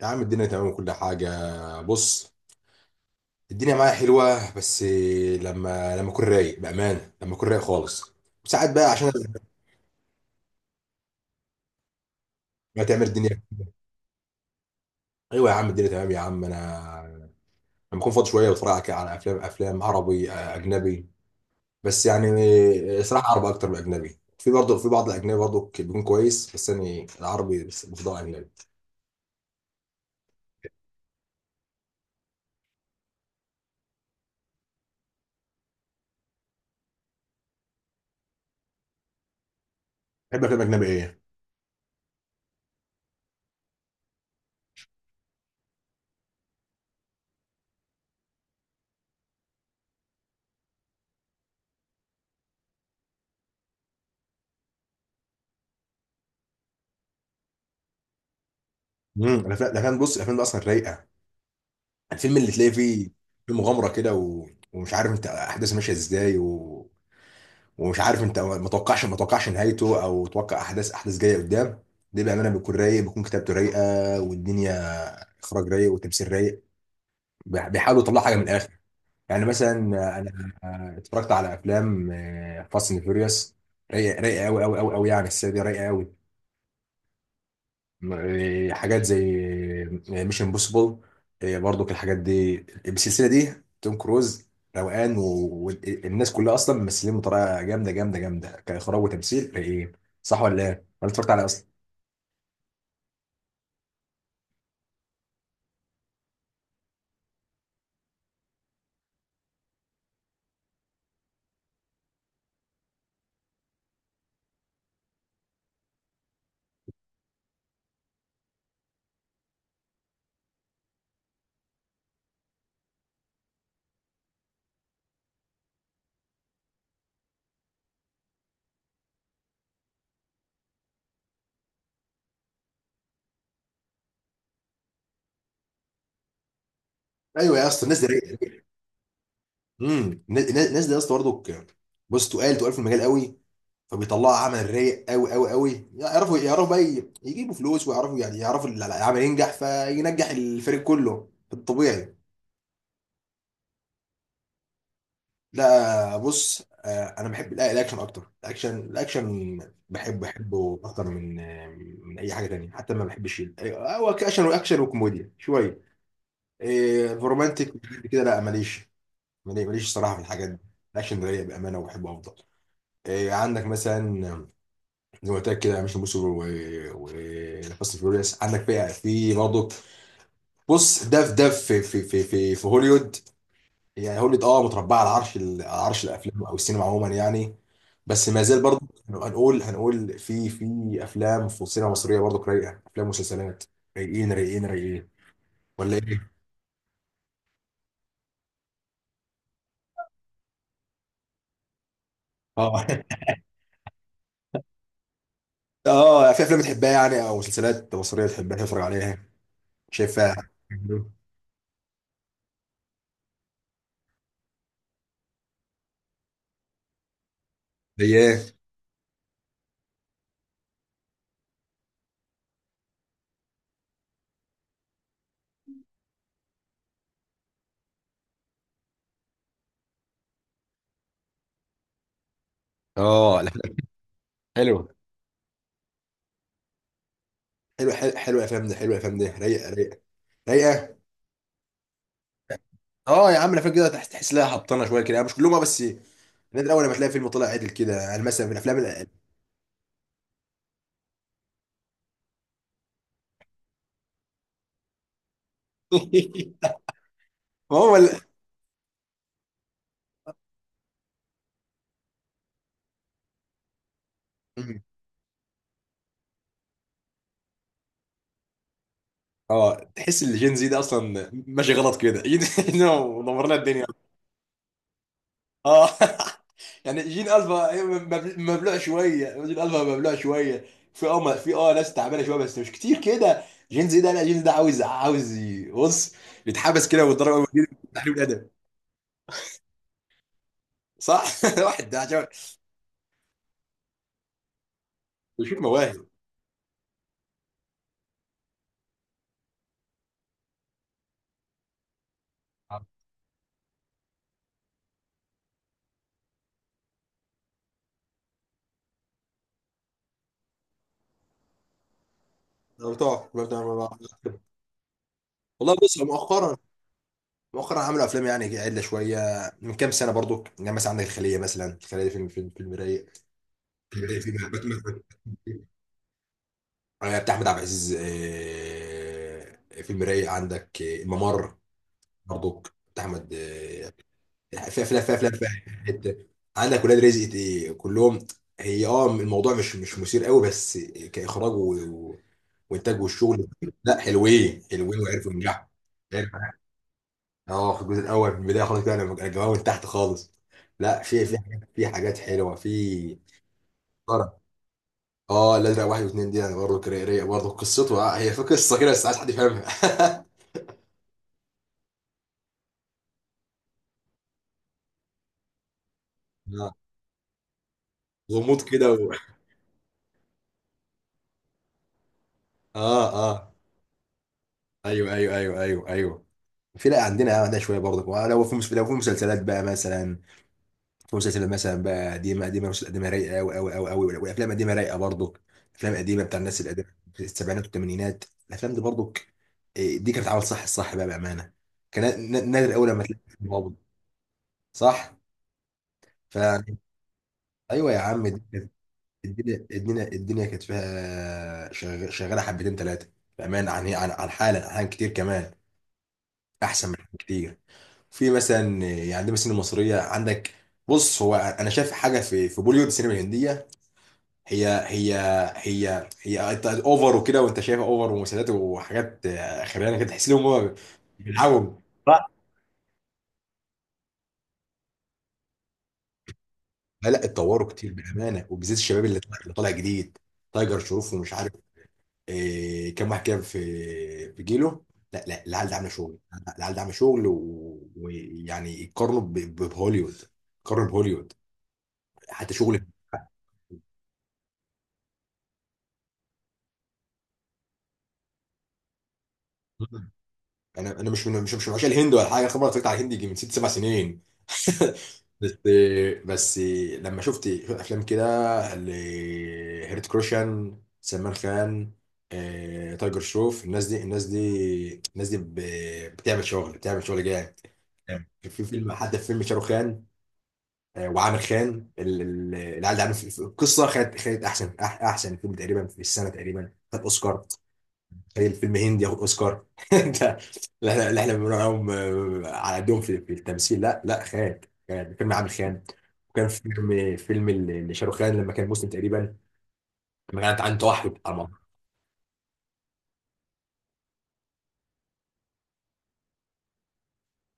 يا عم، الدنيا تمام وكل حاجة. بص. الدنيا معايا حلوة، بس لما أكون رايق، بأمانة لما أكون رايق خالص، ساعات بقى، عشان ما تعمل الدنيا. أيوة يا عم، الدنيا تمام يا عم. أنا لما أكون فاضي شوية بتفرج على أفلام عربي، أجنبي. بس يعني، صراحة عربي أكتر من أجنبي. في برضه، في بعض الأجنبي برضه بيكون كويس، بس أنا العربي، بس بفضل أجنبي. بحب أفلام أجنبي إيه؟ بص، الأفلام دي أصلا رايقة. الفيلم اللي تلاقي فيه في مغامرة كده، و... ومش عارف انت احداث ماشيه ازاي، و... ومش عارف انت، ما توقعش نهايته او توقع احداث جايه قدام. ده بامانه بيكون رايق، بيكون كتابته رايقه والدنيا، اخراج رايق وتمثيل رايق. بيحاولوا يطلعوا حاجه من الاخر. يعني مثلا، انا اتفرجت على افلام فاست اند فيوريوس. رايقه رايقه قوي قوي قوي قوي، يعني السنه دي رايقه قوي. حاجات زي مش امبوسيبل، برضو الحاجات دي، بالسلسله دي، توم كروز، روقان والناس كلها اصلا ممثلين بطريقه جامده جامده جامده كاخراج وتمثيل ايه. صح ولا ايه؟ ولا اتفرجت عليه اصلا؟ ايوه يا اسطى، الناس دي رايقه. الناس دي يا اسطى برضو، بص، تقال في المجال قوي، فبيطلعوا عمل رايق قوي قوي قوي، يعرفوا بقى يجيبوا فلوس، ويعرفوا يعني يعرفوا العمل ينجح، فينجح الفريق كله في الطبيعي. لا بص، انا بحب، لا، الاكشن اكتر، الاكشن الاكشن. بحبه اكتر من، من اي حاجه تانية. حتى ما بحبش هو اكشن واكشن وكوميديا شويه. رومانتك وحاجات كده لا ماليش، ماليش الصراحه في الحاجات دي. الاكشن ده ليا بامانه، وبحبه افضل. عندك مثلا زي ما قلت لك كده مش موسو، وفاست فيوريوس عندك، في برضه. بص، ده في هوليوود. يعني هوليوود، اه متربعه على عرش الافلام او السينما عموما يعني. بس ما زال برضه، هنقول في افلام في السينما المصريه برضه رايقه، افلام ومسلسلات رايقين رايقين رايقين، ولا ايه؟ اه. اه، في افلام بتحبها يعني او مسلسلات مصريه بتحبها تتفرج عليها شايفها؟ زي ايه؟ اه، الافلام حلوه حلوه حلوه حلوه، الافلام دي حلوه، الافلام دي رايقه رايقه رايقه. اه يا عم، الافلام كده تحس لها هبطانه شويه كده يعني، مش كلهم. بس نادر اول لما تلاقي فيلم طلع عدل كده، يعني مثلا من الافلام. ما هو ال... اه، تحس ان الجين زي ده اصلا ماشي غلط كده. جين دمر لنا الدنيا. اه. يعني جين الفا مبلوع شويه. في ناس تعبانه شويه، بس مش كتير كده. جين زي ده، لا جين زي ده عاوز بص، يتحبس كده ويتضرب اول جيل. تحريم الادب. صح. واحد ده عشان بيشوف مواهب. بتوع بتوع- والله بص، مؤخرا عملوا افلام يعني عدله شويه، من كام سنه برضو. يعني مثلا عندك الخليه، مثلا الخليه دي فيلم رايق. فيلم رايق، فيلم باتمان، بتاع احمد عبد العزيز. فيلم رايق. عندك الممر برضو، بتاع احمد. في افلام في حته، عندك ولاد رزق، كلهم. هي اه، الموضوع مش مثير قوي، بس كاخراج و- وانتاج والشغل. لا حلوين حلوين، وعرفوا ينجحوا. اه، في الجزء الاول، في البدايه خالص كده لما كان الجماعه من تحت خالص. لا، في حاجات حلوه في. طرب. اه، الازرق 1 و2 دي انا برضه رايق، برضه قصته، هي في قصه كده، بس عايز حد يفهمها. آه، غموض كده و... اه. اه. ايوه ايوه ايوه ايوه ايوه. في. لا عندنا، عندنا شويه برضه. لو في مسلسلات بقى مثلا، مسلسل مثلا بقى قديمه قديمه، مسلسلات قديمه رايقه قوي قوي قوي قوي، وافلام قديمه رايقه برضه، افلام قديمه بتاع الناس القديمه، في السبعينات والثمانينات. الافلام دي برضه، دي كانت عامل صح، الصح بقى بامانه. كان نادر اول لما تلاقي فيلم هابط. صح. ف ايوه يا عم، الدنيا كانت فيها شغاله حبتين ثلاثه، بامانه عن حالا كتير كمان، احسن من حاجات كتير. في مثلا، يعني دي مثلا المصريه عندك. بص، هو انا شايف حاجه في بوليوود، السينما الهنديه. هي هي انت اوفر وكده، وانت شايفها اوفر ومسلسلات وحاجات، خيرانه كده، تحس لهم هم بيلعبوا. لا لا، اتطوروا كتير بامانه، وبالذات الشباب اللي طالع، جديد تايجر شروف، ومش عارف كام واحد كده في جيله. لا لا، العيال ده عامله شغل. العيال ده عامله شغل ويعني يقارنوا بهوليوود، يقارنوا بهوليوود، حتى شغل. انا مش من، مش من، عشان الهند ولا حاجه. خبره اتفرجت على الهندي يجي من 6 7 سنين. بس، بس لما شفت افلام كده لهيرت كروشان، سلمان خان، تايجر شروف، الناس دي الناس دي الناس دي بتعمل شغل، بتعمل شغل جامد. في فيلم، حتى في فيلم شاروخ خان، وعامر خان. العيال ده عامل القصه، خدت احسن احسن فيلم تقريبا في السنه، تقريبا خد اوسكار. زي الفيلم هندي ياخد اوسكار! ده لا، احنا بنقول عليهم على قدهم في التمثيل. لا لا خان، كان فيلم عامل خان، وكان فيلم لشاروخ خان لما كان مسلم تقريبا، لما كانت عنده توحد على الموضوع.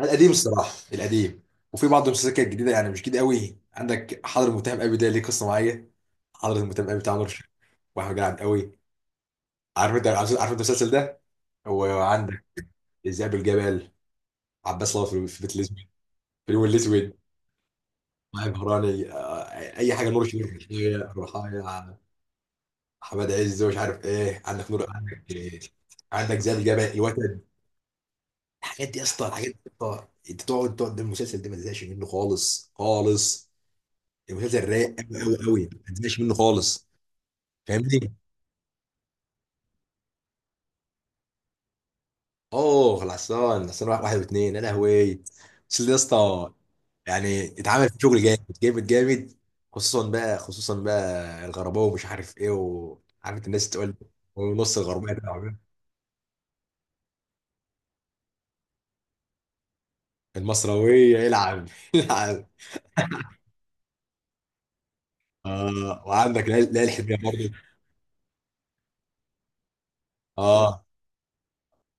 القديم الصراحه، القديم. وفي بعض المسلسلات كانت جديده، يعني مش جديده قوي. عندك حضر المتهم قوي، ده ليه قصه معايا. حضر المتهم قوي بتاع نور الشريف واحمد جلعد قوي. عارف انت المسلسل ده. وعندك ذئاب الجبل، عباس الله، في بيت الاسود، في اليوم الاسود. يا بهراني، اي حاجه، نور الشريف، رحايا، حماد عز، ومش عارف ايه. عندك نور، عندك عندك زي الجبل، الوتد. الحاجات دي يا اسطى، الحاجات دي يا اسطى، انت تقعد، ده المسلسل ده ما تزهقش منه خالص خالص. المسلسل رايق قوي قوي قوي، ما تزهقش منه خالص. فاهمني. اوه، العصيان واحد واثنين، يا لهوي. بس ده يا اسطى، يعني اتعمل في شغل جامد جامد جامد. خصوصا بقى الغرباوي، ومش عارف ايه، وعارف الناس تقول، ونص الغربيه ده عمال. المصراويه يلعب. يلعب. اه، وعندك ليالي الحلميه برضه. اه.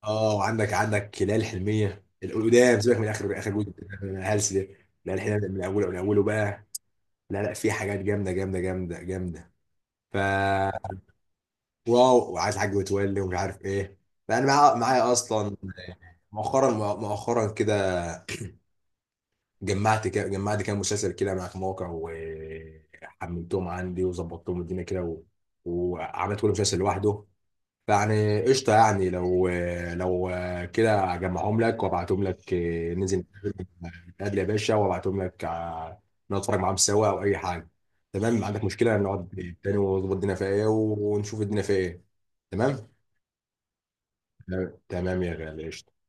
اه، وعندك ليالي الحلميه القدام، سيبك من اخر جزء، الهلس ده. ليالي الحلميه من اوله بقى، لا لا، في حاجات جامده جامده جامده جامده. ف واو، وعايز حاج متولي، ومش عارف ايه. فانا معايا اصلا مؤخرا كده، جمعت كام مسلسل كده مع مواقع، وحملتهم عندي وظبطتهم الدنيا كده، و... وعملت كل مسلسل لوحده. فيعني قشطه يعني، لو كده اجمعهم لك وابعتهم لك، ننزل نتقابل يا باشا، وابعتهم لك نقعد نتفرج معاهم سوا او اي حاجه. تمام؟ عندك مشكله، نقعد تاني ونظبط الدنيا فيها ايه ونشوف الدنيا فيها ايه. تمام. تمام يا غالي، قشطة.